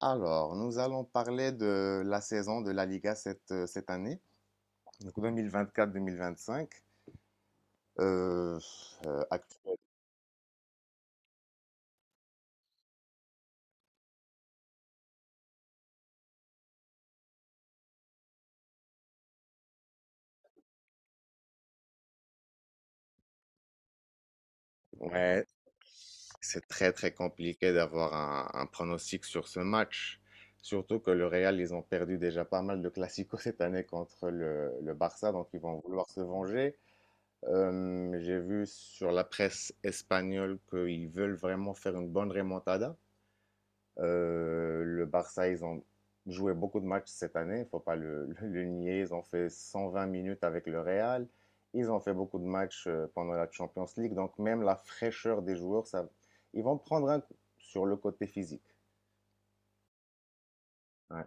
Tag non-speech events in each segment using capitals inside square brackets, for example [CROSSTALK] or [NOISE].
Alors, nous allons parler de la saison de la Liga cette année, donc 2024-2025. Euh, euh, actu- ouais, c'est très très compliqué d'avoir un pronostic sur ce match, surtout que le Real, ils ont perdu déjà pas mal de classicos cette année contre le Barça, donc ils vont vouloir se venger. J'ai vu sur la presse espagnole qu'ils veulent vraiment faire une bonne remontada. Le Barça, ils ont joué beaucoup de matchs cette année, il ne faut pas le, [LAUGHS] le nier. Ils ont fait 120 minutes avec le Real. Ils ont fait beaucoup de matchs pendant la Champions League. Donc même la fraîcheur des joueurs, ça, ils vont prendre un coup sur le côté physique. Ouais.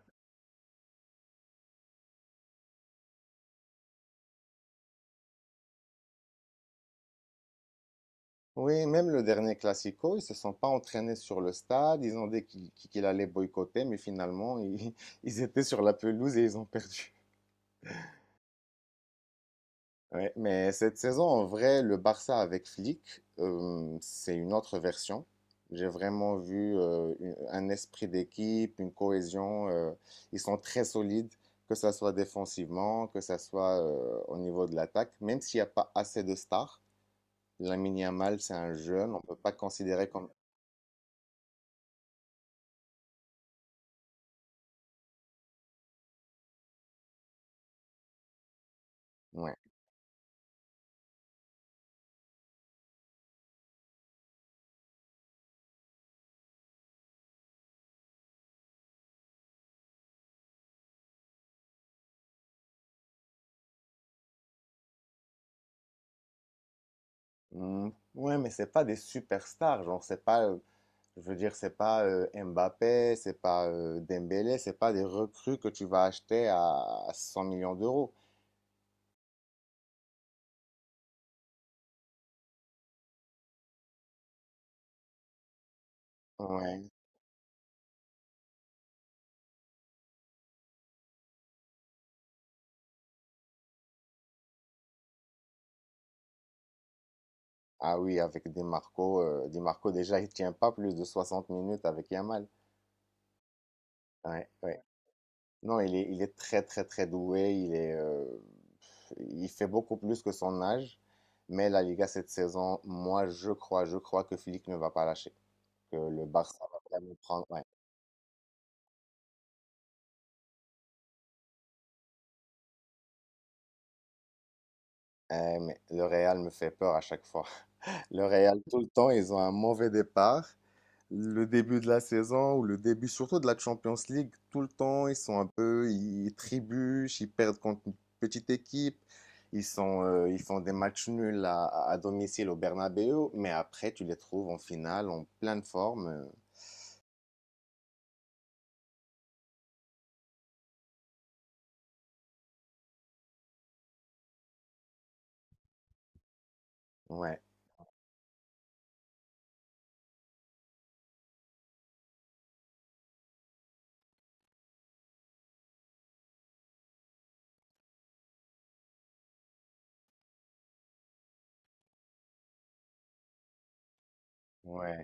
Oui, même le dernier Classico, ils se sont pas entraînés sur le stade. Ils ont dit qu'il allait boycotter, mais finalement, ils, [LAUGHS] ils étaient sur la pelouse et ils ont perdu. Ouais, mais cette saison, en vrai, le Barça avec Flick, c'est une autre version. J'ai vraiment vu un esprit d'équipe, une cohésion. Ils sont très solides, que ça soit défensivement, que ça soit au niveau de l'attaque. Même s'il n'y a pas assez de stars, Lamine Yamal, c'est un jeune, on ne peut pas considérer comme... Ouais. Mm, ouais, mais c'est pas des superstars, genre, c'est pas je veux dire, c'est pas Mbappé, c'est pas Dembélé, c'est pas des recrues que tu vas acheter à 100 millions d'euros. Ouais. Ah oui, avec Di Marco déjà il tient pas plus de 60 minutes avec Yamal. Ouais, ouais. Non, il est très très très doué, il fait beaucoup plus que son âge. Mais la Liga cette saison, moi je crois que Flick ne va pas lâcher, que le Barça va vraiment prendre. Ouais. Eh, mais le Real me fait peur à chaque fois. [LAUGHS] Le Real, tout le temps, ils ont un mauvais départ. Le début de la saison ou le début surtout de la Champions League, tout le temps, ils sont un peu, ils trébuchent, ils perdent contre une petite équipe. Ils sont, ils font des matchs nuls à domicile au Bernabéu, mais après, tu les trouves en finale, en pleine forme. Ouais, ouais,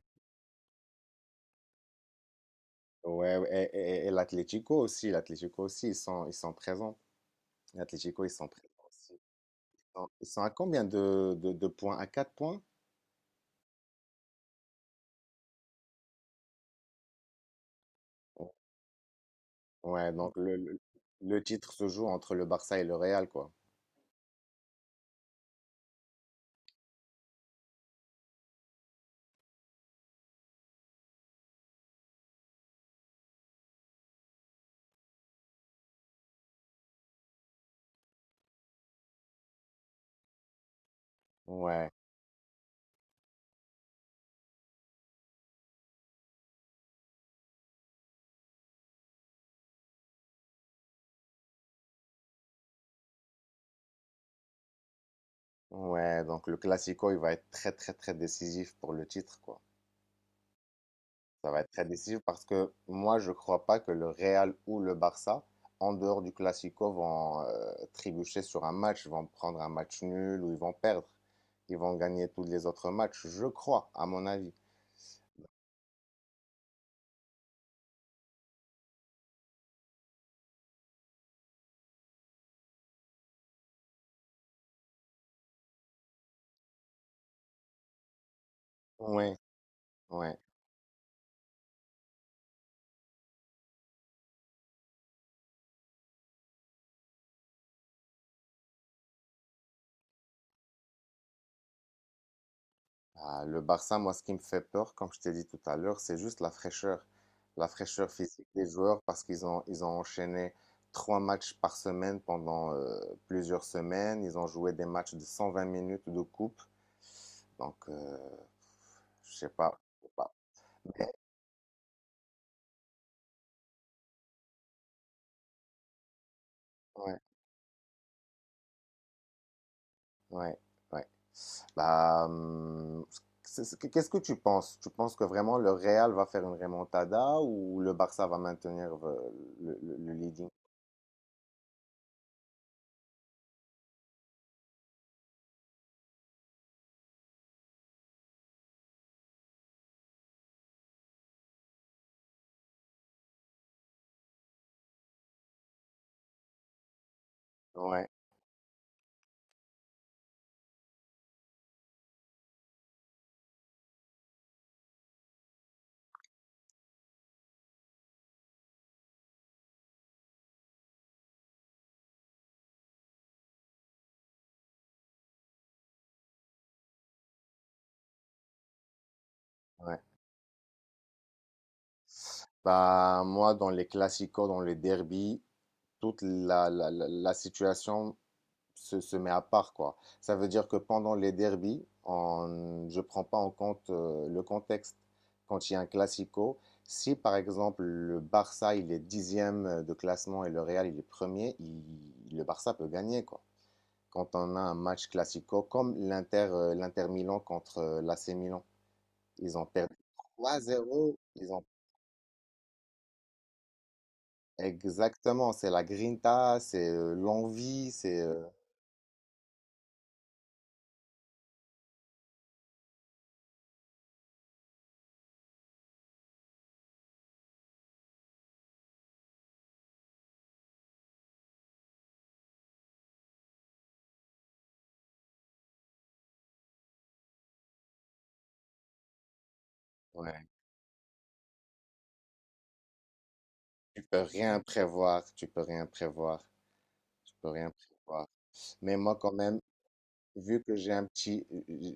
ouais. Ouais. Et l'Atlético aussi, ils sont présents. L'Atlético, ils sont présents. Non, ils sont à combien de points? À 4 points? Ouais, donc le titre se joue entre le Barça et le Real, quoi. Ouais, ouais, donc le Classico, il va être très, très, très décisif pour le titre, quoi. Ça va être très décisif parce que moi, je crois pas que le Real ou le Barça, en dehors du Classico, vont trébucher sur un match, vont prendre un match nul ou ils vont perdre. Ils vont gagner tous les autres matchs, je crois, à mon avis. Ouais, ouais. Ah, le Barça, moi, ce qui me fait peur, comme je t'ai dit tout à l'heure, c'est juste la fraîcheur physique des joueurs parce qu'ils ont enchaîné trois matchs par semaine pendant plusieurs semaines. Ils ont joué des matchs de 120 minutes de coupe. Donc, je sais pas, je sais pas. Ouais, ouais, ouais. Bah, qu'est-ce que tu penses? Tu penses que vraiment le Real va faire une remontada ou le Barça va maintenir le leading? Ouais, ouais. Bah, moi, dans les classicos, dans les derbies, toute la situation se met à part, quoi. Ça veut dire que pendant les derbies, je ne prends pas en compte le contexte. Quand il y a un classico, si par exemple le Barça il est dixième de classement et le Real il est premier, le Barça peut gagner, quoi. Quand on a un match classico, comme l'Inter Milan contre l'AC Milan, ils ont perdu 3-0, ils ont. Exactement, c'est la grinta, c'est l'envie, c'est ouais, tu peux rien prévoir, tu peux rien prévoir, tu peux rien prévoir. Mais moi quand même, vu que j'ai un petit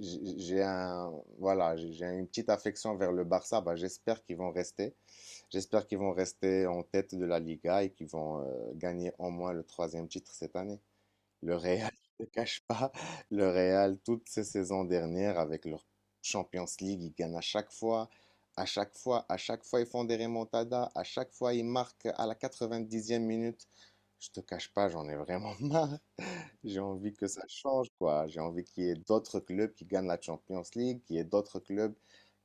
j'ai un voilà, j'ai une petite affection vers le Barça, bah j'espère qu'ils vont rester. J'espère qu'ils vont rester en tête de la Liga et qu'ils vont gagner au moins le troisième titre cette année. Le Real, [LAUGHS] je te cache pas, le Real, toutes ces saisons dernières, avec leur Champions League, ils gagnent à chaque fois, à chaque fois, à chaque fois, ils font des remontadas, à chaque fois, ils marquent à la 90e minute. Je te cache pas, j'en ai vraiment [LAUGHS] marre. J'ai envie que ça change, quoi. J'ai envie qu'il y ait d'autres clubs qui gagnent la Champions League, qu'il y ait d'autres clubs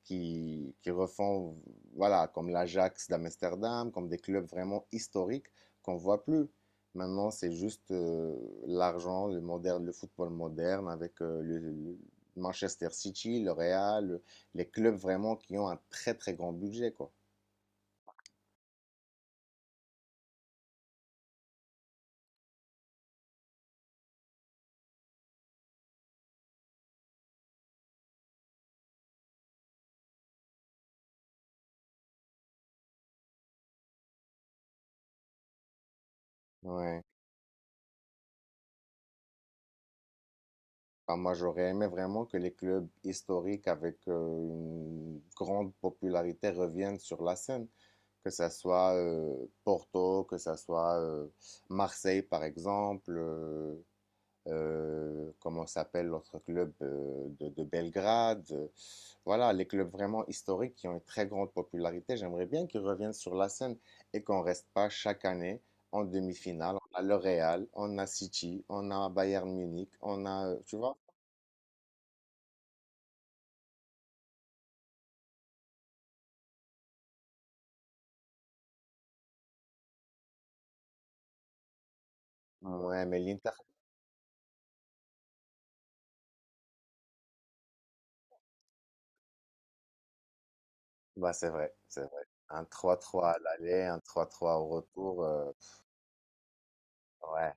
qui refont, voilà, comme l'Ajax d'Amsterdam, comme des clubs vraiment historiques qu'on voit plus. Maintenant, c'est juste l'argent, le moderne, le football moderne avec le Manchester City, le Real, les clubs vraiment qui ont un très très grand budget, quoi. Ouais. Ah, moi, j'aurais aimé vraiment que les clubs historiques avec une grande popularité reviennent sur la scène, que ça soit Porto, que ça soit Marseille, par exemple, comment s'appelle l'autre club de Belgrade. Voilà, les clubs vraiment historiques qui ont une très grande popularité, j'aimerais bien qu'ils reviennent sur la scène et qu'on reste pas chaque année en demi-finale. On a le Real, on a City, on a Bayern Munich, on a, tu vois. Ouais, mais l'Inter, bah, c'est vrai, c'est vrai. Un trois trois à l'aller, un trois trois au retour. Ouais,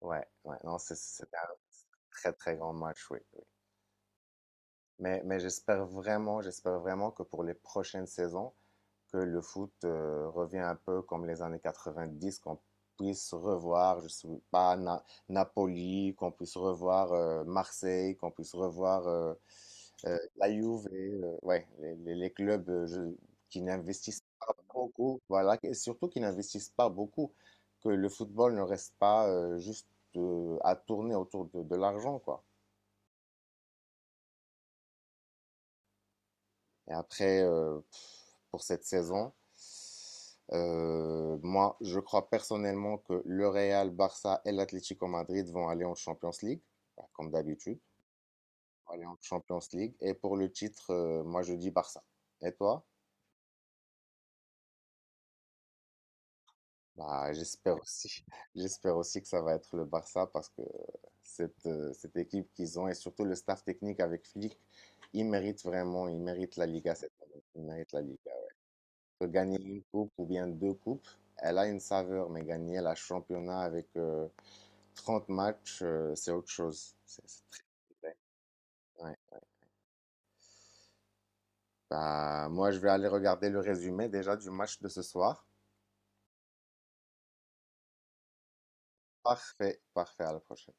ouais, ouais. Non, c'était un très, très grand match, oui. Oui. Mais j'espère vraiment que pour les prochaines saisons, que le foot revient un peu comme les années 90 qu'on puisse revoir, je ne sais pas, Napoli, qu'on puisse revoir Marseille, qu'on puisse revoir la Juve, ouais, les clubs qui n'investissent pas beaucoup, voilà, et surtout qui n'investissent pas beaucoup, que le football ne reste pas juste à tourner autour de l'argent, quoi. Et après, pour cette saison, moi, je crois personnellement que le Real, Barça et l'Atlético Madrid vont aller en Champions League, bah, comme d'habitude, vont aller en Champions League. Et pour le titre, moi, je dis Barça. Et toi? Bah, j'espère aussi. [LAUGHS] J'espère aussi que ça va être le Barça parce que cette équipe qu'ils ont et surtout le staff technique avec Flick, ils méritent vraiment, ils méritent la Liga cette année. Ils méritent la Liga. Que gagner une coupe ou bien deux coupes, elle a une saveur, mais gagner la championnat avec 30 matchs, c'est autre chose. C'est très complet. Ouais. Bah, moi, je vais aller regarder le résumé déjà du match de ce soir. Parfait, parfait, à la prochaine.